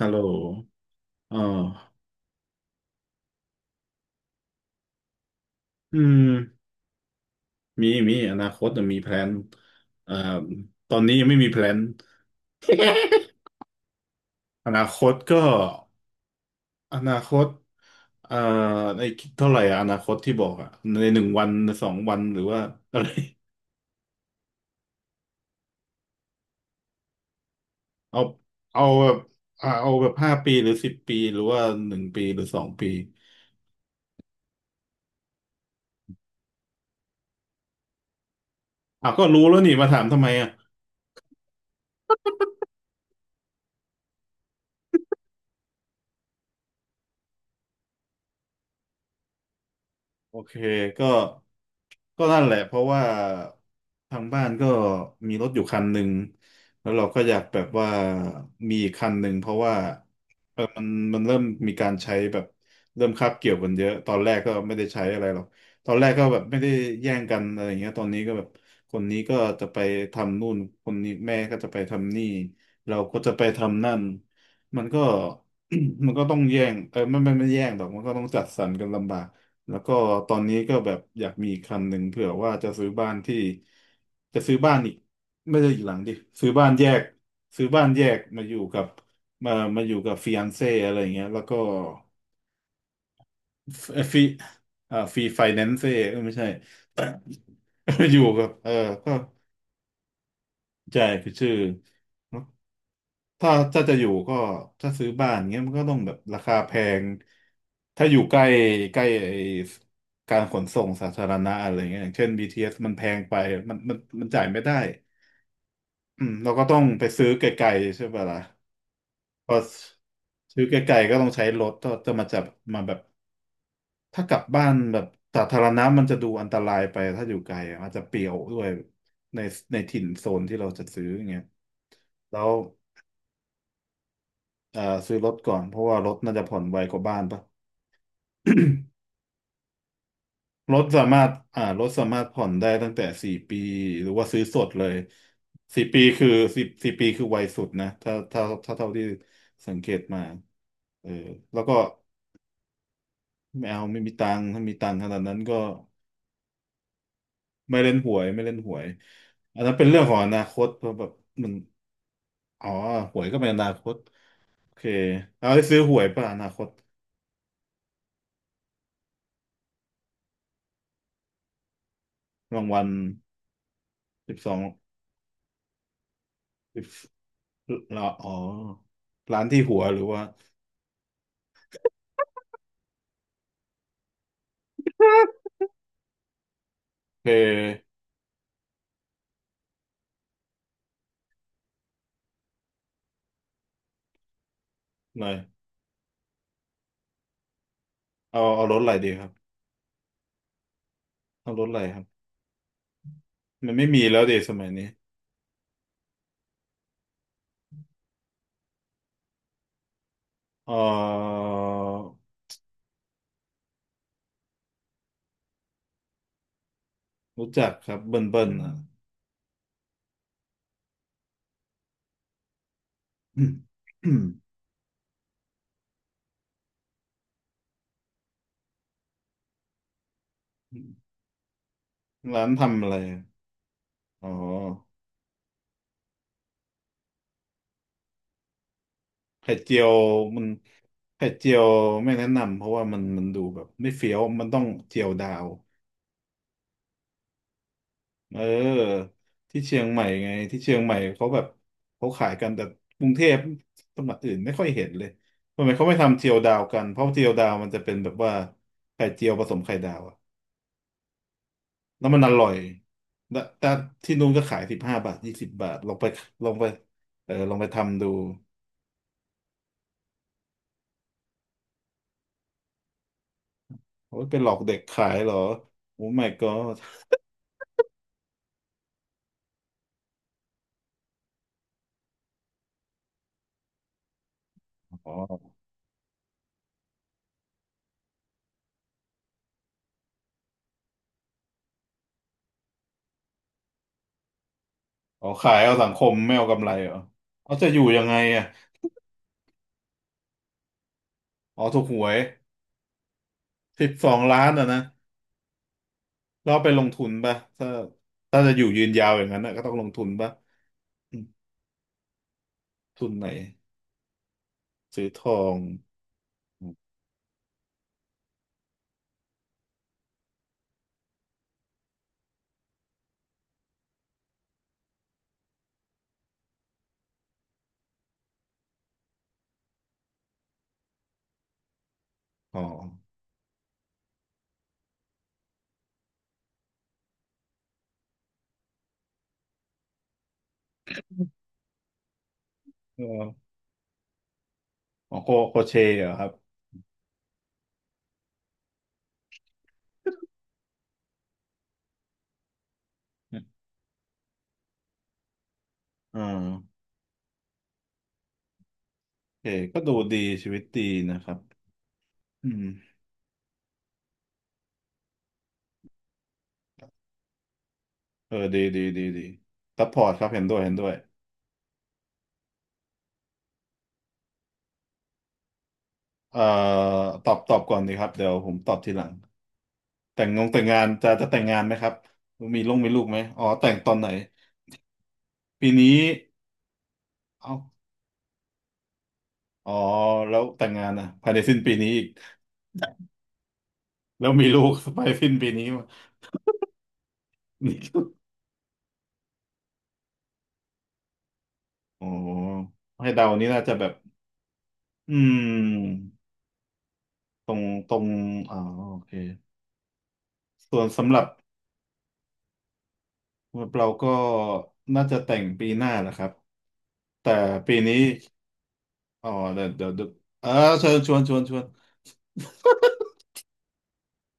ฮัลโหลอ๋ออืมมี อนาคตนะมีแพลนเอ่อตอนนี้ยังไม่มีแพลนอนาคตก็ อนาคตเอ่อในเท่าไหร่อะอนาคตที่บอกอะใน1 วัน 2 วัน หรือว่าอะไร เอาเอาแบบเอาแบบ5 ปีหรือ10 ปีหรือว่า1 ปีหรือ2 ปีอ่ะก็รู้แล้วนี่มาถามทำไมอะ โอเคก็ก็นั่นแหละเพราะว่าทางบ้านก็มีรถอยู่คันหนึ่งแล้วเราก็อยากแบบว่ามีอีกคันหนึ่งเพราะว่าเออมันเริ่มมีการใช้แบบเริ่มคาบเกี่ยวกันเยอะตอนแรกก็ไม่ได้ใช้อะไรหรอกตอนแรกก็แบบไม่ได้แย่งกันอะไรอย่างเงี้ยตอนนี้ก็แบบคนนี้ก็จะไปทำนู่นคนนี้แม่ก็จะไปทำนี่เราก็จะไปทำนั่นมันก็ มันก็ต้องแย่งเออไม่แย่งหรอกมันก็ต้องจัดสรรกันลำบาก แล้วก็ตอนนี้ก็แบบอยากมีอีกคันหนึ่งเผื่อว่าจะซื้อบ้านที่จะซื้อบ้านอีกไม่ใช่อีกหลังดิซื้อบ้านแยกซื้อบ้านแยกมาอยู่กับมาอยู่กับฟิอันเซ่อะไรอย่างเงี้ยแล้วก็ฟีอ่าฟีไฟแนนเซ่อ free finance เออไม่ใช่ อยู่กับเออก็ใช่คือชื่อ ถ้าจะอยู่ก็ถ้าซื้อบ้านเงี้ยมันก็ต้องแบบราคาแพง ถ้าอยู่ใกล้ใกล้ไอ้การขนส่งสาธารณะอะไรเงี้ยอย่างเช่น BT มันแพงไปมันจ่ายไม่ได้อืมเราก็ต้องไปซื้อไกลๆใช่ปะล่ะพอซื้อไกลๆก็ต้องใช้รถก็จะมาจับมาแบบถ้ากลับบ้านแบบสาธารณะมันจะดูอันตรายไปถ้าอยู่ไกลอะอาจจะเปลี่ยวด้วยในถิ่นโซนที่เราจะซื้ออย่างเงี้ยแล้ว อ่าซื้อรถก่อนเพราะว่ารถน่าจะผ่อนไวกว่าบ้านปะรถสามารถอ่ารถสามารถผ่อนได้ตั้งแต่สี่ปีหรือว่าซื้อสดเลยสี่ปีคือสี่ปีคือไวสุดนะถ้าเท่าที่สังเกตมาเออแล้วก็ไม่เอาไม่มีตังค์ถ้ามีตังค์ขนาดนั้นก็ไม่เล่นหวยอันนั้นเป็นเรื่องของอนาคตเพราะแบบมันอ๋อหวยก็เป็นอนาคตโอเคเอาได้ซื้อหวยป่ะอนาคตรางวัลสิบสอง ร้านอ๋อร้านที่หัวหรือว่าเออหน่อยเอารถอะไรดีครับเอารถอะไรครับมันไม่มีแล้วเดสมัยนี้เออรู้จักครับเบิ้ลอ่ะ ร้านทำอะไรอะอ๋อไข่เจียวมันไข่เจียวไม่แนะนำเพราะว่ามันดูแบบไม่เฟี้ยวมันต้องเจียวดาว เออที่เชียงใหม่ไงที่เชียงใหม่เขาแบบเขาขายกันแต่กรุงเทพจังหวัดอื่นไม่ค่อยเห็นเลยทำไมเขาไม่ทำเจียวดาวกันเพราะเจียวดาวมันจะเป็นแบบว่าไข่เจียวผสมไข่ดาวอะแล้วมันอร่อยแต่ที่นู้นก็ขาย15 บาท20 บาทลองไปเออลองไปทำดูโอ้ยไปหลอกเด็กขายเหรอโอ้ my god อ๋ออ๋อขายเอาสังคมไม่เอากำไรเหรอเขาจะอยู่ยังไงอ่ะอ๋อถูกหวย12 ล้านอ่ะนะ เราไปลงทุนป่ะถ้าจะอยู่ยืนยาวอย่างนั้นนะก็ต้องลงทุนป่ะอืมทุนไหนซื้อทองอ๋อเอออ๋อโคโคเชเหรอครับอ่าโอเคก็ดูดีชีวิตดีนะครับอืมเออดีซัพพอร์ตครับเห็นด้วยเอ่อตอบก่อนดีครับเดี๋ยวผมตอบทีหลังแต่งงานจะจะแต่งงานไหมครับมีมีลูกไหมอ๋อแต่งตอนไหนปีนี้เอ้าอ๋อแล้วแต่งงานนะภายในสิ้นปีนี้อีก แล้วมีลูก ไปสิ้นปีนี้ มนี่กอ๋อให้เดานี่น่าจะแบบอืมตรงตรงอ๋อโอเคส่วนสำหรับเราก็น่าจะแต่งปีหน้านะครับแต่ปีนี้อ๋อเดี๋ยวเออเชิญชวน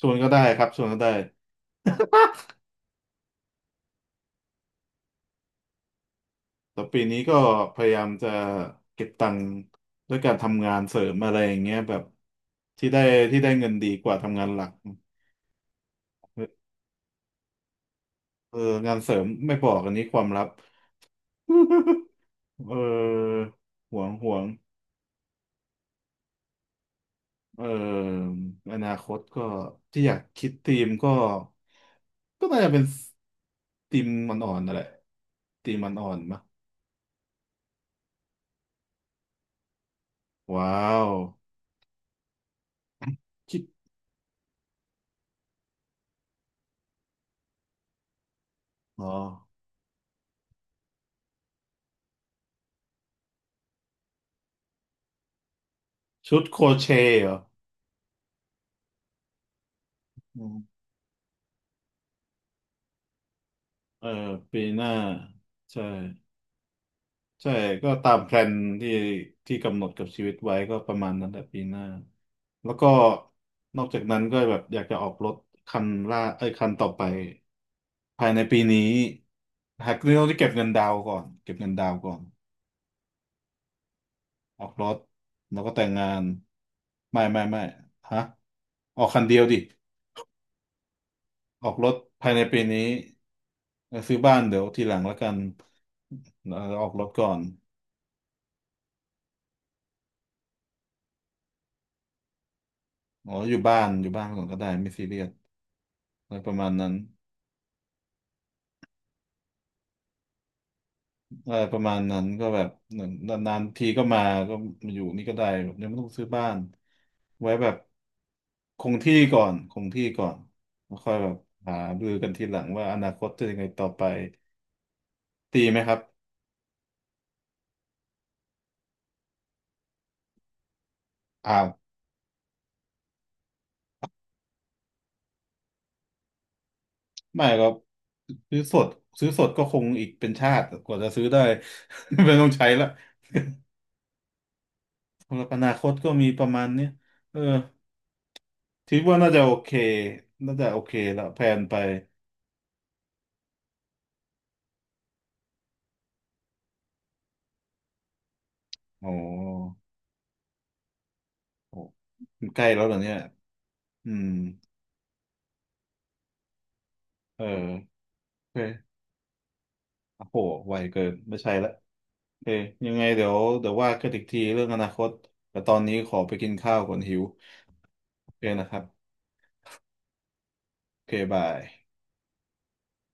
ชวนก็ได้ครับชวนก็ได้แต่ปีนี้ก็พยายามจะเก็บตังค์ด้วยการทำงานเสริมอะไรอย่างเงี้ยแบบที่ได้ที่ได้เงินดีกว่าทำงานหลักเอองานเสริมไม่บอกอันนี้ความลับ เออหวงเอออนาคตก็ที่อยากคิดทีมก็ก็น่าจะเป็นทีมมันอ่อนๆนั่นแหละทีมมันอ่อนๆมะว้าวคิดอ๋อชุดโครเชต์เหรออืมเออปีหน้าใช่ ใช่ก็ตามแพลนที่ที่กำหนดกับชีวิตไว้ก็ประมาณนั้นแหละปีหน้าแล้วก็นอกจากนั้นก็แบบอยากจะออกรถคันล่าเอ้ยคันต่อไปภายในปีนี้หากเรื่องเก็บเงินดาวน์ก่อนออกรถแล้วก็แต่งงานไม่ฮะออกคันเดียวดิออกรถภายในปีนี้เออซื้อบ้านเดี๋ยวทีหลังแล้วกันเออออกรถก่อนอ๋ออยู่บ้านก่อนก็ได้ไม่ซีเรียส อะไรประมาณนั้นเออประมาณนั้นก็แบบเามอนนานๆทีก็มาก็มาอยู่นี่ก็ได้แบบยังไม่ต้องซื้อบ้านไว้แบบคงที่ก่อนแล้วค่อยแบบหาดูกันทีหลังว่าอนาคตจะยังไงต่อไปตีไหมครับอ่าไม่ก็ซื้อสดก็คงอีกเป็นชาติกว่าจะซื้อได้ ไม่ต้องใช้ละสำหรับอนาคตก็มีประมาณเนี้ยเออคิดว่าน่าจะโอเคน่าจะโอเคละแพลนไปโอ้ โอ้มันใกล้แล้วเหรอเนี่ยอืมเออโอเคโอ้โหไวเกินไม่ใช่ละโอเคยังไงเดี๋ยวว่ากันอีกทีเรื่องอนาคตแต่ตอนนี้ขอไปกินข้าวก่อนหิวโอเคนะครับโอเคบาย